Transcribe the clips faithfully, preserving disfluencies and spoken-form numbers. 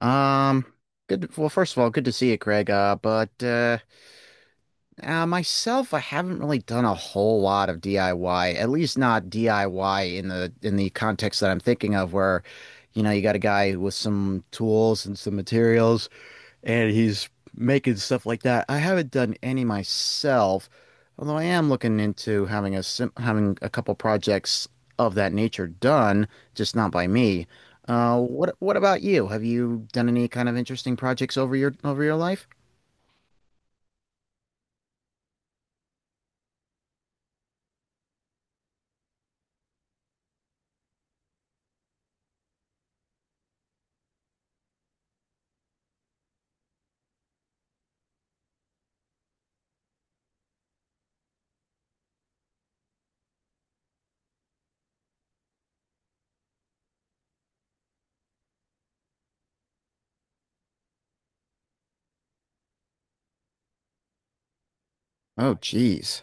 Um, Good. Well, first of all, good to see you, Craig. Uh, but uh, uh, myself, I haven't really done a whole lot of D I Y. At least not D I Y in the in the context that I'm thinking of, where, you know, you got a guy with some tools and some materials, and he's making stuff like that. I haven't done any myself, although I am looking into having a sim having a couple projects of that nature done, just not by me. Uh, what what about you? Have you done any kind of interesting projects over your over your life? Oh, geez.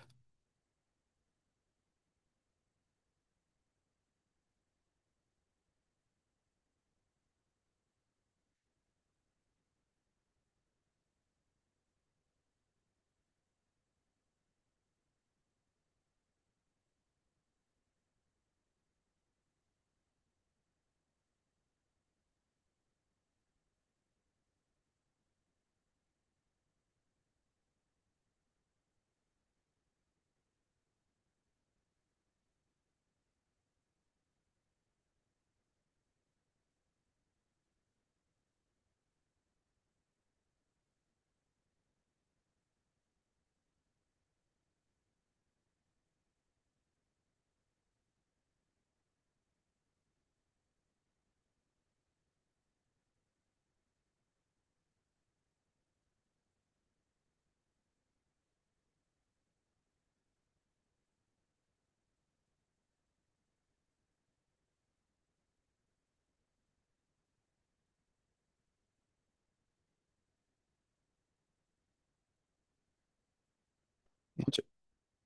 Inter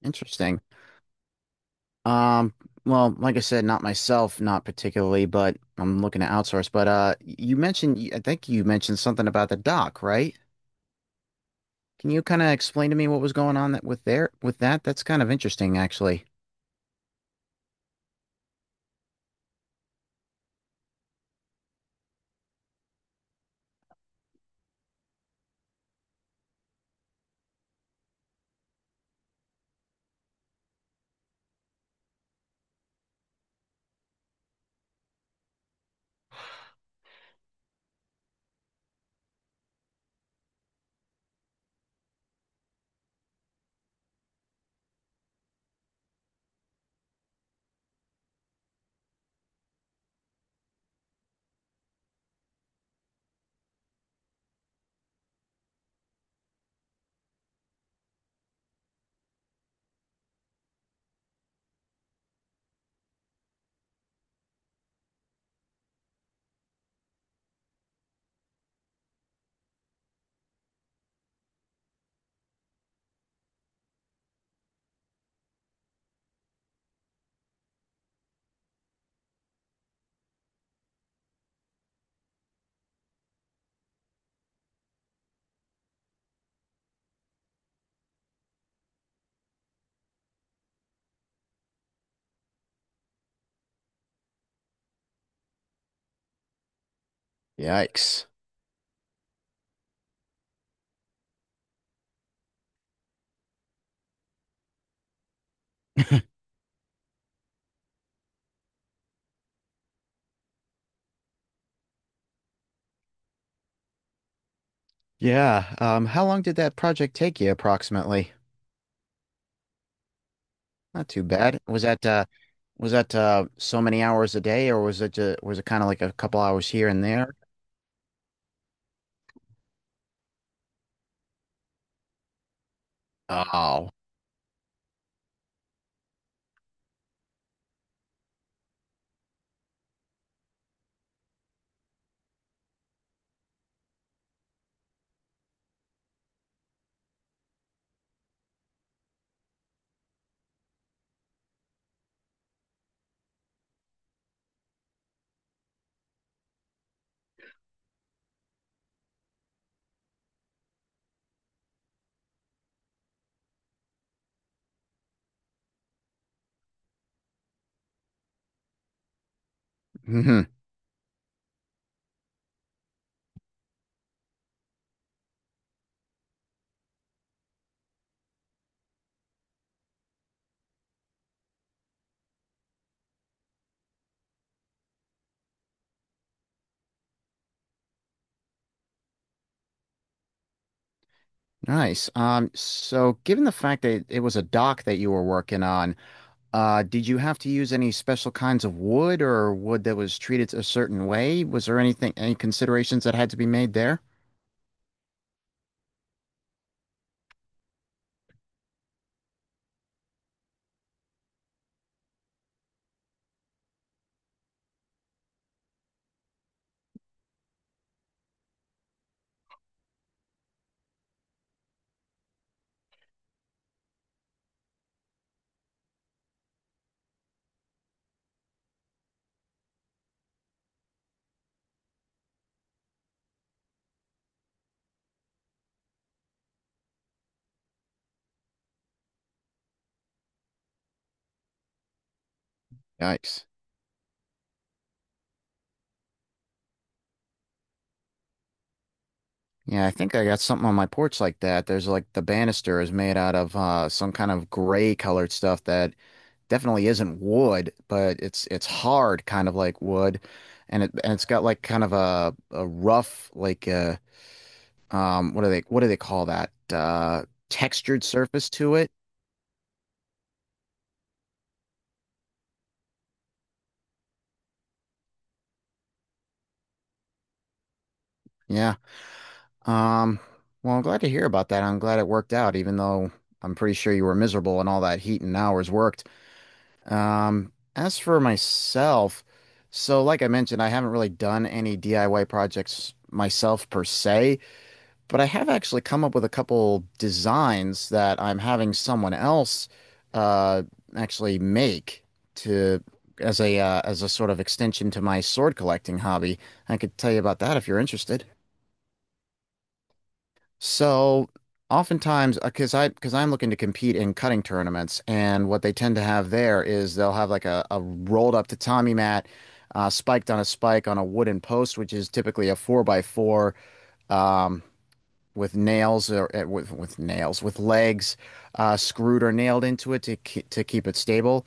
interesting. Um, well, like I said, not myself, not particularly, but I'm looking to outsource. But uh, you mentioned, I think you mentioned something about the dock, right? Can you kind of explain to me what was going on that with there with that? That's kind of interesting, actually. Yikes. Yeah. Um, how long did that project take you approximately? Not too bad. Was that uh was that uh so many hours a day, or was it ju- was it kind of like a couple hours here and there? Oh. Hmm. Nice. Um, so given the fact that it was a dock that you were working on, uh, did you have to use any special kinds of wood or wood that was treated a certain way? Was there anything, any considerations that had to be made there? Yikes. Yeah, I think I got something on my porch like that. There's like the banister is made out of uh, some kind of gray colored stuff that definitely isn't wood, but it's it's hard, kind of like wood, and it and it's got like kind of a a rough, like, uh um what do they what do they call that, uh textured surface to it? Yeah. Um. Well, I'm glad to hear about that. I'm glad it worked out, even though I'm pretty sure you were miserable and all that heat and hours worked. Um, as for myself, so like I mentioned, I haven't really done any D I Y projects myself per se, but I have actually come up with a couple designs that I'm having someone else uh actually make to as a uh, as a sort of extension to my sword collecting hobby. I could tell you about that if you're interested. So oftentimes, because I because I'm looking to compete in cutting tournaments, and what they tend to have there is they'll have like a, a rolled up tatami mat, uh, spiked on a spike on a wooden post, which is typically a four by four, um, with nails or uh, with with nails with legs, uh, screwed or nailed into it to ke- to keep it stable.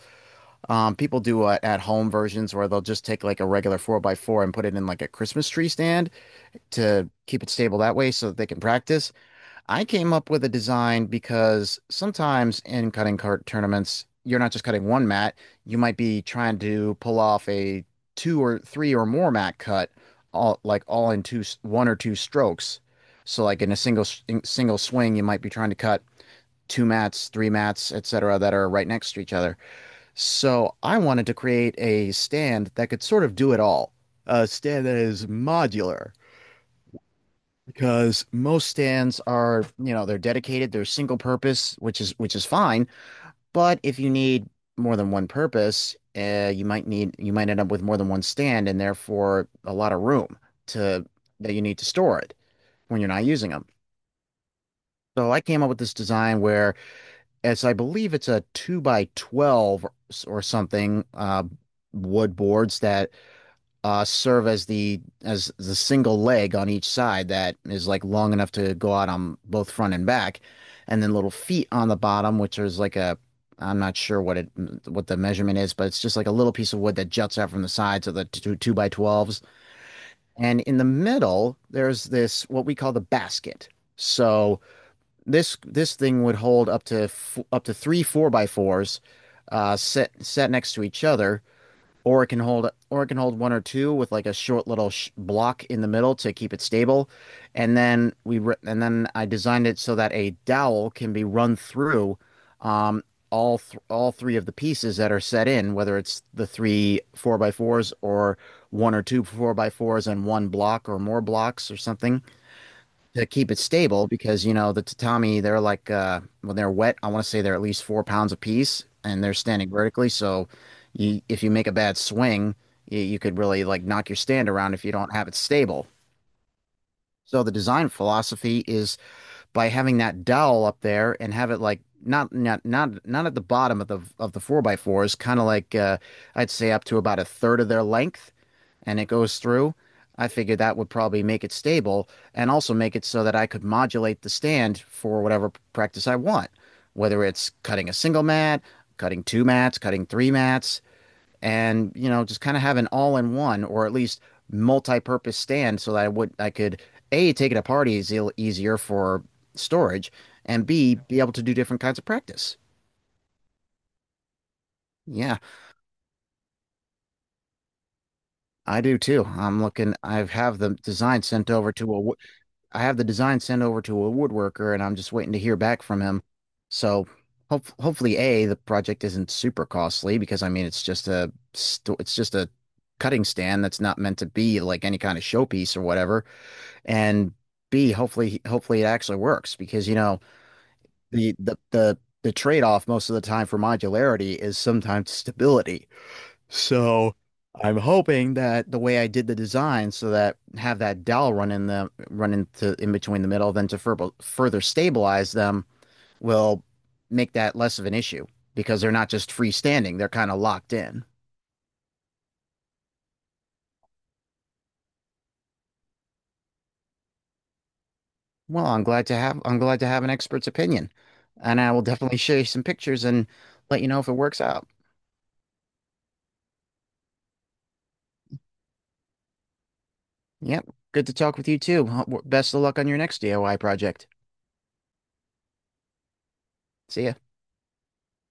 Um, people do uh, at home versions where they'll just take like a regular four by four and put it in like a Christmas tree stand to keep it stable that way so that they can practice. I came up with a design because sometimes in cutting cart tournaments, you're not just cutting one mat. You might be trying to pull off a two or three or more mat cut, all like all in two, one or two strokes. So like in a single in single swing, you might be trying to cut two mats, three mats, et cetera, that are right next to each other. So I wanted to create a stand that could sort of do it all, a stand that is modular, because most stands are, you know, they're dedicated, they're single purpose, which is which is fine. But if you need more than one purpose, uh, you might need you might end up with more than one stand and therefore a lot of room to that you need to store it when you're not using them. So I came up with this design where, as I believe it's a two by twelve or something, uh, wood boards that uh serve as the as the single leg on each side, that is like long enough to go out on both front and back, and then little feet on the bottom, which is like a — I'm not sure what it what the measurement is, but it's just like a little piece of wood that juts out from the sides of the two, two by twelves. And in the middle there's this, what we call, the basket. So this this thing would hold up to f up to three four by fours, uh set set next to each other, or it can hold or it can hold one or two with like a short little sh block in the middle to keep it stable. And then we re and then I designed it so that a dowel can be run through, um, all th all three of the pieces that are set in, whether it's the three four by fours, or one or two four by fours and one block or more blocks or something, to keep it stable. Because you know the tatami, they're like, uh when they're wet, I want to say they're at least four pounds a piece, and they're standing vertically. So you if you make a bad swing, you, you could really like knock your stand around if you don't have it stable. So the design philosophy is, by having that dowel up there and have it like not not not not at the bottom of the of the four by fours, kind of like, uh, I'd say up to about a third of their length, and it goes through. I figured that would probably make it stable and also make it so that I could modulate the stand for whatever practice I want, whether it's cutting a single mat, cutting two mats, cutting three mats, and you know just kind of have an all-in-one, or at least multi-purpose, stand, so that I would I could A, take it to parties, e- easier for storage, and B, be able to do different kinds of practice. Yeah, I do too. I'm looking I have the design sent over to a. I have the design sent over to a woodworker, and I'm just waiting to hear back from him. So hope, hopefully A, the project isn't super costly, because I mean it's just a sto- it's just a cutting stand that's not meant to be like any kind of showpiece or whatever. And B, hopefully hopefully it actually works, because you know the the the the trade-off most of the time for modularity is sometimes stability. So I'm hoping that the way I did the design, so that have that dowel run in the run into in between the middle, then to furbo- further stabilize them, will make that less of an issue, because they're not just freestanding, they're kind of locked in. Well, I'm glad to have I'm glad to have an expert's opinion. And I will definitely show you some pictures and let you know if it works out. Yep. Good to talk with you too. Best of luck on your next D I Y project. See ya.